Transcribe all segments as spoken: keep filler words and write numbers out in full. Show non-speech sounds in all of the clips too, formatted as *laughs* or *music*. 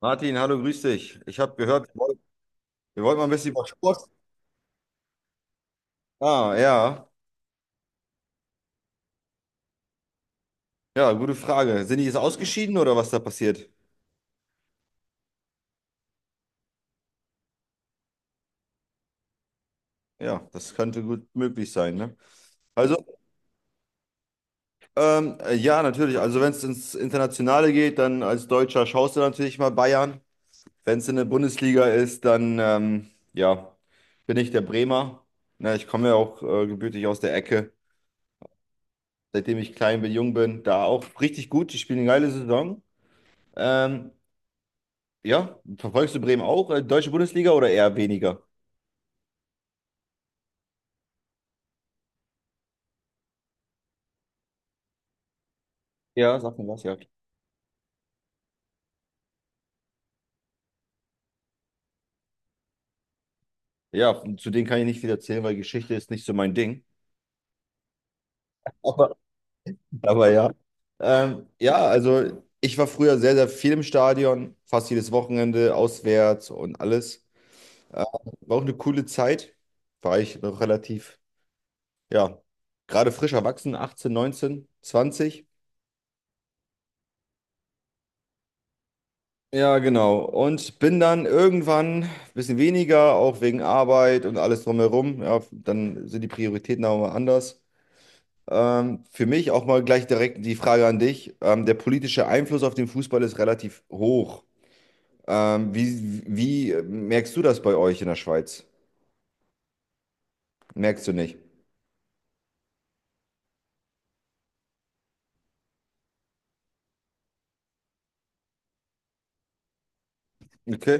Martin, hallo, grüß dich. Ich habe gehört, wir wollten wir wollten mal ein bisschen über Sport. Ah, ja. Ja, gute Frage. Sind die jetzt ausgeschieden oder was da passiert? Ja, das könnte gut möglich sein, ne? Also, ähm, äh, ja, natürlich. Also, wenn es ins Internationale geht, dann als Deutscher schaust du natürlich mal Bayern. Wenn es in der Bundesliga ist, dann, ähm, ja, bin ich der Bremer. Na, ich komme ja auch äh, gebürtig aus der Ecke. Seitdem ich klein bin, jung bin, da auch richtig gut. Die spielen eine geile Saison. Ähm, Ja, verfolgst du Bremen auch? äh, Deutsche Bundesliga oder eher weniger? Ja, sag mir was, ja. Ja, zu denen kann ich nicht viel erzählen, weil Geschichte ist nicht so mein Ding. Aber, aber ja. Ähm, ja, also ich war früher sehr, sehr viel im Stadion, fast jedes Wochenende, auswärts und alles. Äh, War auch eine coole Zeit. War ich noch relativ, ja, gerade frisch erwachsen, achtzehn, neunzehn, zwanzig. Ja, genau. Und bin dann irgendwann ein bisschen weniger, auch wegen Arbeit und alles drumherum. Ja, dann sind die Prioritäten auch mal anders. Ähm, für mich auch mal gleich direkt die Frage an dich. Ähm, der politische Einfluss auf den Fußball ist relativ hoch. Ähm, wie, wie merkst du das bei euch in der Schweiz? Merkst du nicht? Okay.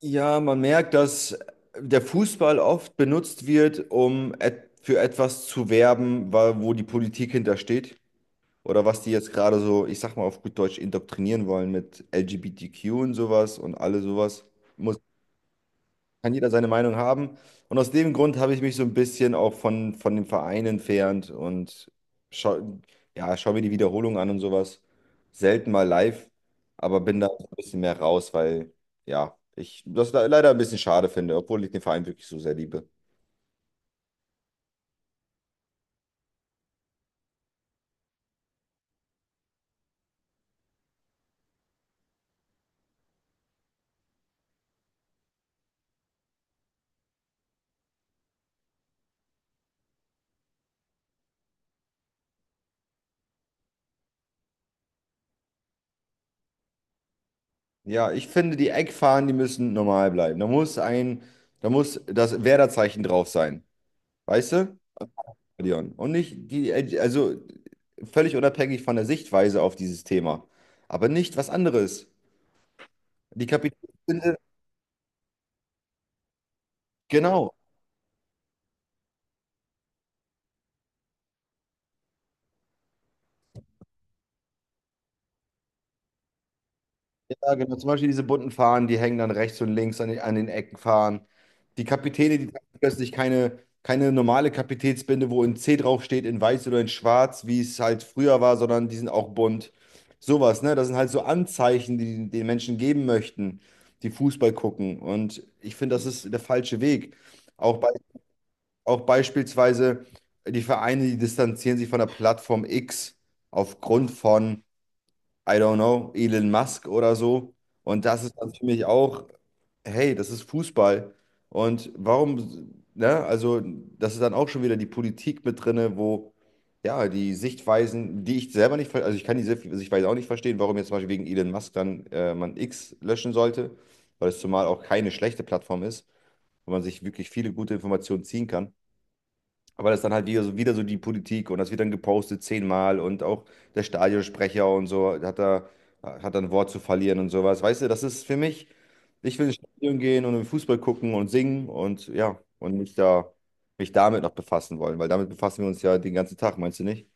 Ja, man merkt, dass der Fußball oft benutzt wird, um et für etwas zu werben, wa- wo die Politik hintersteht. Oder was die jetzt gerade so, ich sag mal auf gut Deutsch, indoktrinieren wollen mit L G B T Q und sowas und alle sowas. Muss, Kann jeder seine Meinung haben. Und aus dem Grund habe ich mich so ein bisschen auch von, von dem Verein entfernt und schau, ja, schau mir die Wiederholung an und sowas. Selten mal live, aber bin da ein bisschen mehr raus, weil ja, ich das le- leider ein bisschen schade finde, obwohl ich den Verein wirklich so sehr liebe. Ja, ich finde, die Eckfahnen, die müssen normal bleiben. Da muss ein, da muss das Werderzeichen drauf sein. Weißt du, Leon? Und nicht die, also völlig unabhängig von der Sichtweise auf dieses Thema. Aber nicht was anderes. Die Kapitalisten, genau. Ja, genau. Zum Beispiel diese bunten Fahnen, die hängen dann rechts und links an den, an den Ecken fahren. Die Kapitäne, die tragen plötzlich keine, keine normale Kapitätsbinde, wo ein C draufsteht, in weiß oder in schwarz, wie es halt früher war, sondern die sind auch bunt. Sowas, ne? Das sind halt so Anzeichen, die die den Menschen geben möchten, die Fußball gucken. Und ich finde, das ist der falsche Weg. Auch, bei, auch beispielsweise die Vereine, die distanzieren sich von der Plattform X aufgrund von. I don't know, Elon Musk oder so. Und das ist dann für mich auch, hey, das ist Fußball. Und warum, ne, also das ist dann auch schon wieder die Politik mit drinne, wo ja die Sichtweisen, die ich selber nicht, ver- also ich kann die Sicht- Sichtweise auch nicht verstehen, warum jetzt zum Beispiel wegen Elon Musk dann äh, man X löschen sollte, weil es zumal auch keine schlechte Plattform ist, wo man sich wirklich viele gute Informationen ziehen kann. Aber das ist dann halt wieder so, wieder so die Politik und das wird dann gepostet zehnmal und auch der Stadionsprecher und so hat da, hat da ein Wort zu verlieren und sowas. Weißt du, das ist für mich, ich will ins Stadion gehen und im Fußball gucken und singen und ja, und mich da, mich damit noch befassen wollen, weil damit befassen wir uns ja den ganzen Tag, meinst du nicht?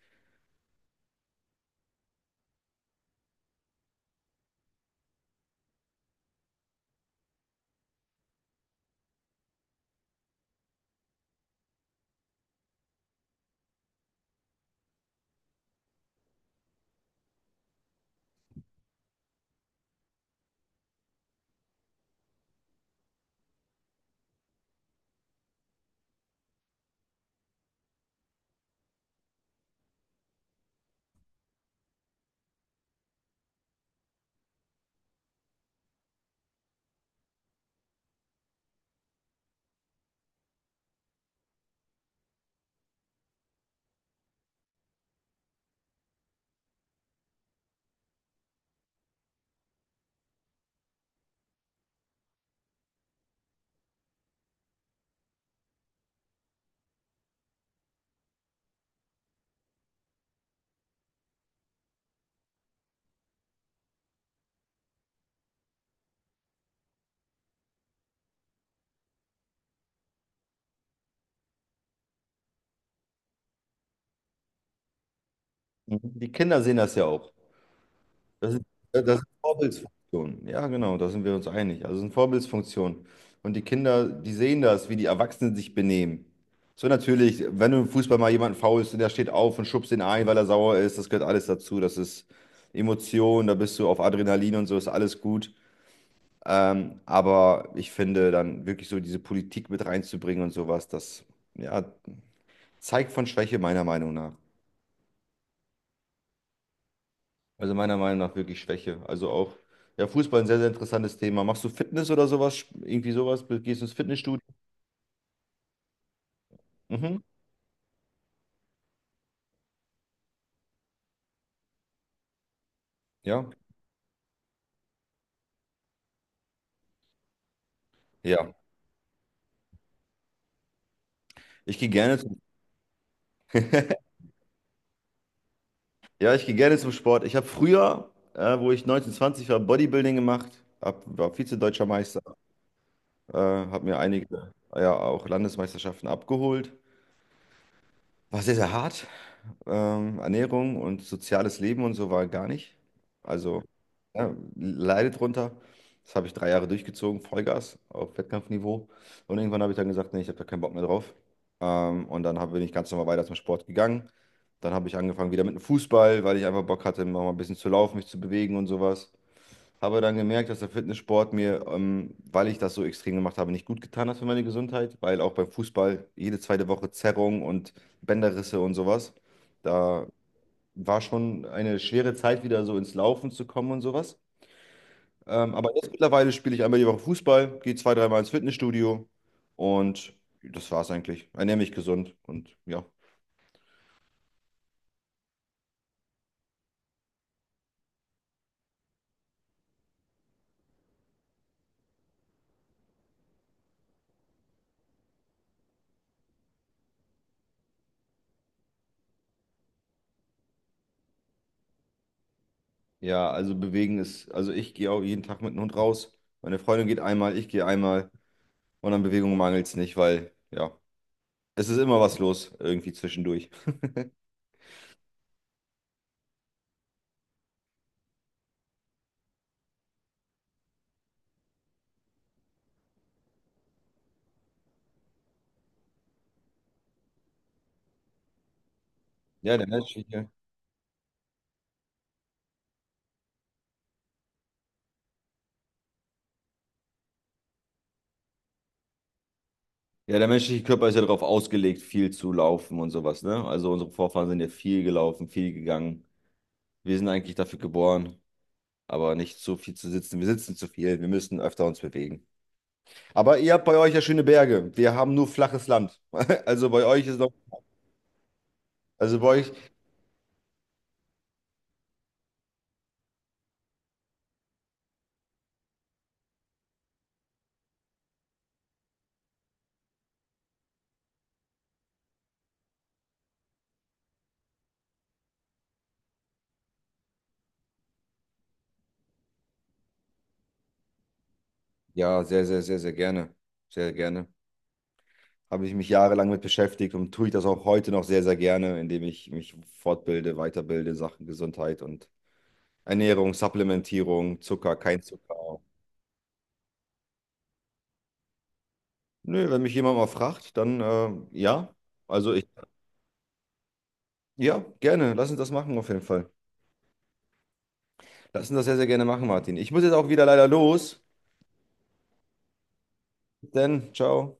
Mhm. Die Kinder sehen das ja auch. Das ist, äh, das ist Vorbildsfunktion. Ja, genau, da sind wir uns einig. Also es sind Vorbildsfunktion. Und die Kinder, die sehen das, wie die Erwachsenen sich benehmen. So natürlich, wenn du im Fußball mal jemanden faulst und der steht auf und schubst ihn ein, weil er sauer ist, das gehört alles dazu. Das ist Emotion, da bist du auf Adrenalin und so, ist alles gut. Ähm, aber ich finde, dann wirklich so diese Politik mit reinzubringen und sowas, das ja, zeigt von Schwäche meiner Meinung nach. Also meiner Meinung nach wirklich Schwäche. Also auch, ja, Fußball ein sehr, sehr interessantes Thema. Machst du Fitness oder sowas? Sp- Irgendwie sowas? Gehst du ins Fitnessstudio? Mhm. Ja. Ja. Ich gehe gerne zum, *laughs* ja, ich gehe gerne zum Sport. Ich habe früher, äh, wo ich neunzehn, zwanzig war, Bodybuilding gemacht, hab, war Vize-Deutscher Meister, äh, habe mir einige, ja, auch Landesmeisterschaften abgeholt. War sehr, sehr hart. ähm, Ernährung und soziales Leben und so war gar nicht. Also ja, leide drunter. Das habe ich drei Jahre durchgezogen, Vollgas auf Wettkampfniveau. Und irgendwann habe ich dann gesagt, nee, ich habe da keinen Bock mehr drauf. Ähm, und dann hab, bin ich ganz normal weiter zum Sport gegangen. Dann habe ich angefangen wieder mit dem Fußball, weil ich einfach Bock hatte, noch mal ein bisschen zu laufen, mich zu bewegen und sowas. Habe dann gemerkt, dass der Fitnesssport mir, ähm, weil ich das so extrem gemacht habe, nicht gut getan hat für meine Gesundheit, weil auch beim Fußball jede zweite Woche Zerrung und Bänderrisse und sowas. Da war schon eine schwere Zeit, wieder so ins Laufen zu kommen und sowas. Ähm, aber jetzt mittlerweile spiele ich einmal die Woche Fußball, gehe zwei, dreimal ins Fitnessstudio und das war's eigentlich. Ernähre mich gesund und ja. Ja, also bewegen ist, also ich gehe auch jeden Tag mit dem Hund raus. Meine Freundin geht einmal, ich gehe einmal und an Bewegung mangelt es nicht, weil ja. Es ist immer was los, irgendwie zwischendurch. Ja, der menschliche, ja, der menschliche Körper ist ja darauf ausgelegt, viel zu laufen und sowas, ne? Also unsere Vorfahren sind ja viel gelaufen, viel gegangen. Wir sind eigentlich dafür geboren, aber nicht so viel zu sitzen. Wir sitzen zu viel, wir müssen öfter uns bewegen. Aber ihr habt bei euch ja schöne Berge. Wir haben nur flaches Land. *laughs* Also bei euch ist noch, also bei euch, ja, sehr, sehr, sehr, sehr gerne. Sehr gerne. Habe ich mich jahrelang mit beschäftigt und tue ich das auch heute noch sehr, sehr gerne, indem ich mich fortbilde, weiterbilde in Sachen Gesundheit und Ernährung, Supplementierung, Zucker, kein Zucker. Nö, wenn mich jemand mal fragt, dann äh, ja. Also ich, ja, gerne. Lass uns das machen auf jeden Fall. Lass uns das sehr, sehr gerne machen, Martin. Ich muss jetzt auch wieder leider los. Denn, ciao.